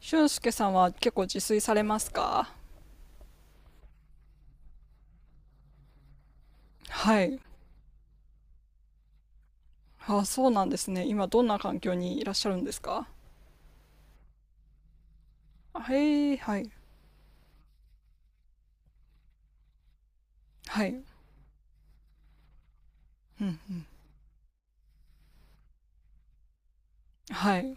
俊介さんは結構自炊されますか？はい。あ、そうなんですね。今どんな環境にいらっしゃるんですか？あ、へえ、はい。はい。うんうん。はい。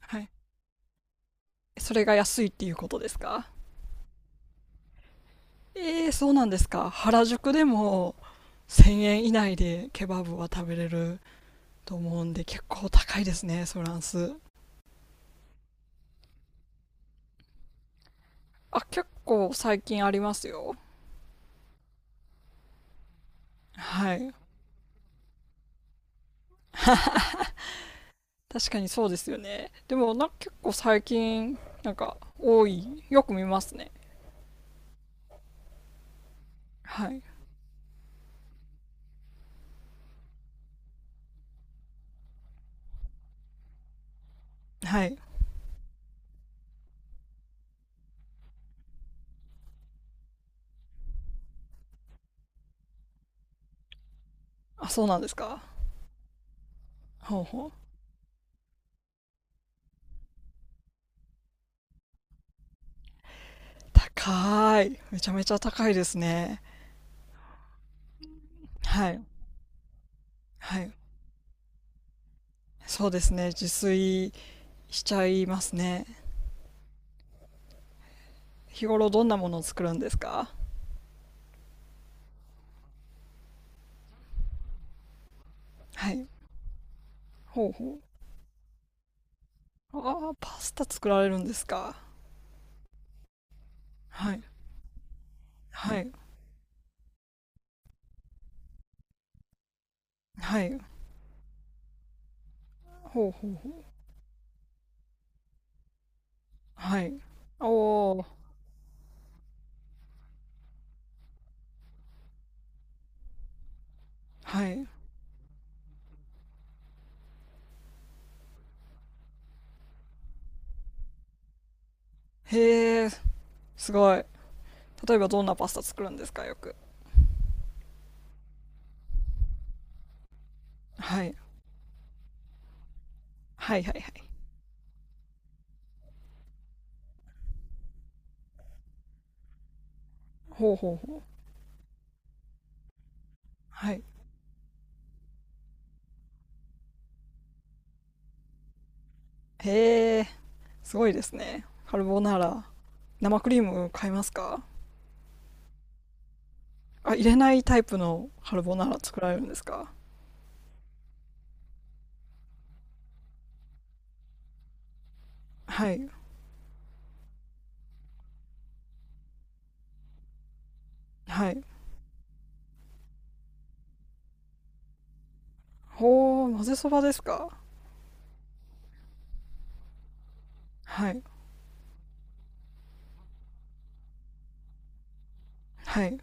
はい。それが安いっていうことですか？ええ、そうなんですか。原宿でも1000円以内でケバブは食べれると思うんで結構高いですね、フランス。あ、結構最近ありますよ。はい。確かにそうですよね。でもな、結構最近なんか多い。よく見ますね。はい。はい。あ、そうなんですか。ほうほう。高い。めちゃめちゃ高いですね。はい。はい。そうですね。自炊しちゃいますね。日頃どんなものを作るんですか？はい。ほうほう。ああ、パスタ作られるんですか。はい。はい。はい。ほうほうほう。はい。おお。はい。へえ、すごい。例えばどんなパスタ作るんですか、よく？はい。はいはいはい。ほうほうほう。はい。へえ。すごいですね。カルボナーラ。生クリーム買いますか？あ、入れないタイプのカルボナーラ作られるんですか？はい。はい。ほー、混ぜそばですか？はい。はい。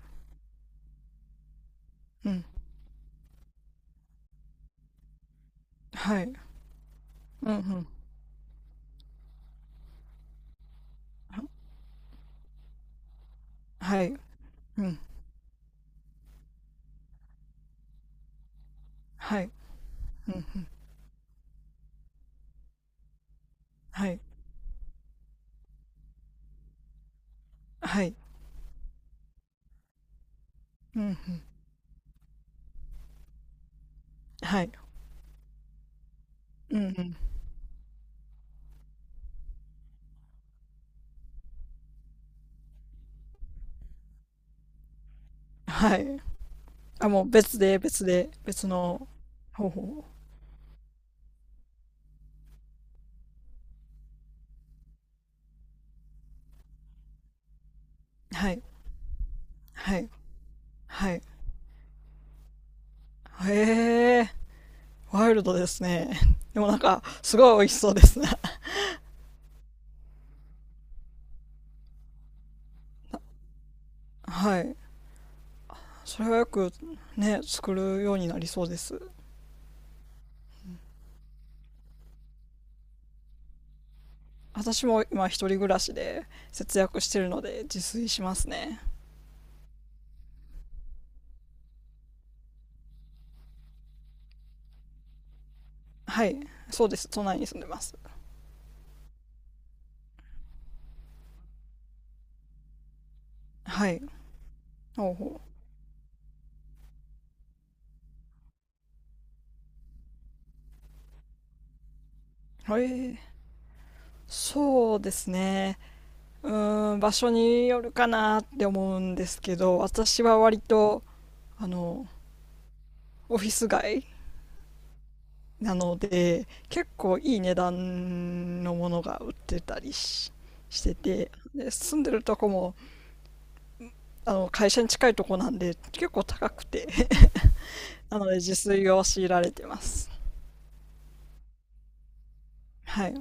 うん。はい。うん、うん。ははい。うん。はい。うん、うん。はい。はい。うん、うん。はい。うん、うん。はい。あ、もう別で、別の方法。はい。はい。はい。へえ、ワイルドですね。でもなんか、すごい美味しそうですね。はい。それはよくね作るようになりそうです。私も今一人暮らしで節約してるので自炊しますね。はい。そうです、都内に住んでます。はい。ほうほう。ーそうですね。うーん、場所によるかなって思うんですけど、私は割とあのオフィス街なので結構いい値段のものが売ってたりしてて、で住んでるとこもあの会社に近いとこなんで結構高くて、 なので自炊を強いられてます。はい。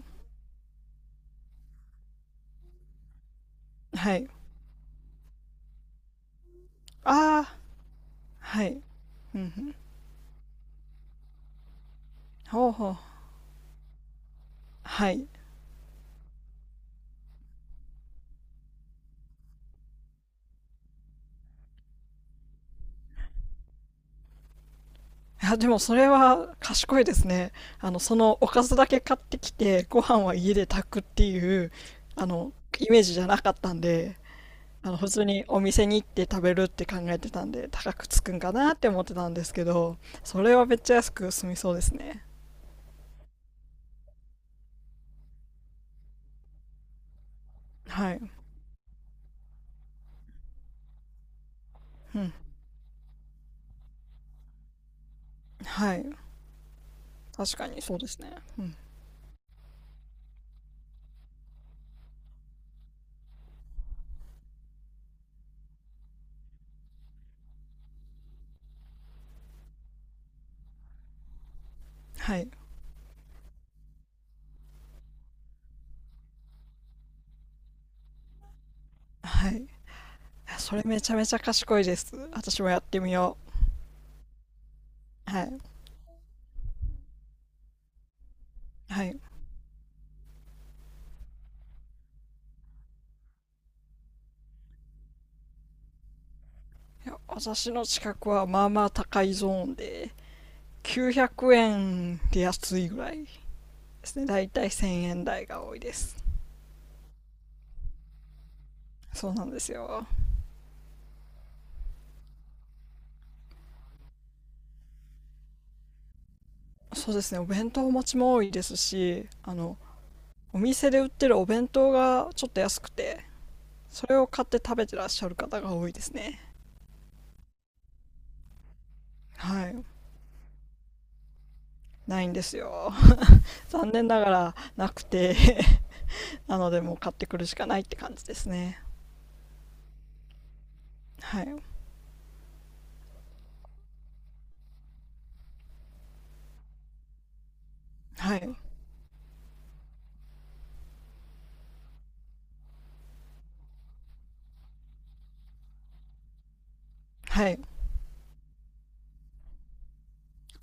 はい。ああー。はい。うんうん。ほうほう。はい。あ、でもそれは賢いですね。あの、そのおかずだけ買ってきてご飯は家で炊くっていうあのイメージじゃなかったんで、あの普通にお店に行って食べるって考えてたんで高くつくんかなって思ってたんですけど、それはめっちゃ安く済みそうですね。はい。うん。はい。確かにそうですね。はい。はい。それめちゃめちゃ賢いです。私もやってみよう。はい。はい。いや、私の近くはまあまあ高いゾーンで、900円で安いぐらいですね。だいたい1000円台が多いです。そうなんですよ。そうですね。お弁当持ちも多いですし、あの、お店で売ってるお弁当がちょっと安くて、それを買って食べてらっしゃる方が多いですね。はい。ないんですよ。残念ながらなくて、なのでもう買ってくるしかないって感じですね。はい。はい。はい。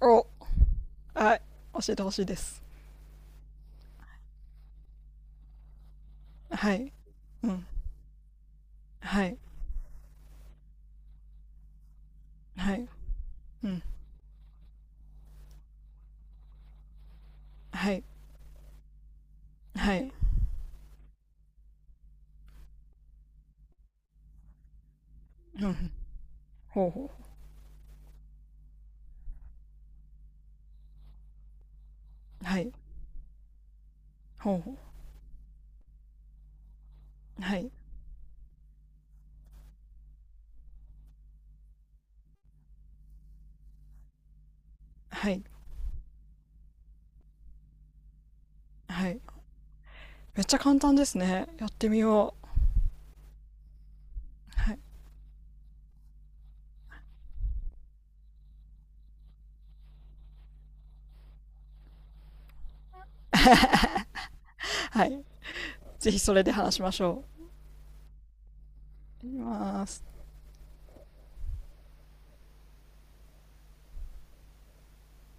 お、はい。教えてほしいです。はい。うん。はい。はい。うん。はい。はい。うん。ほうほう。はい。ほうほう。はい。はい。はい。めっちゃ簡単ですね。やってみよう。はい はい。ぜひそれで話しましょう。いきます。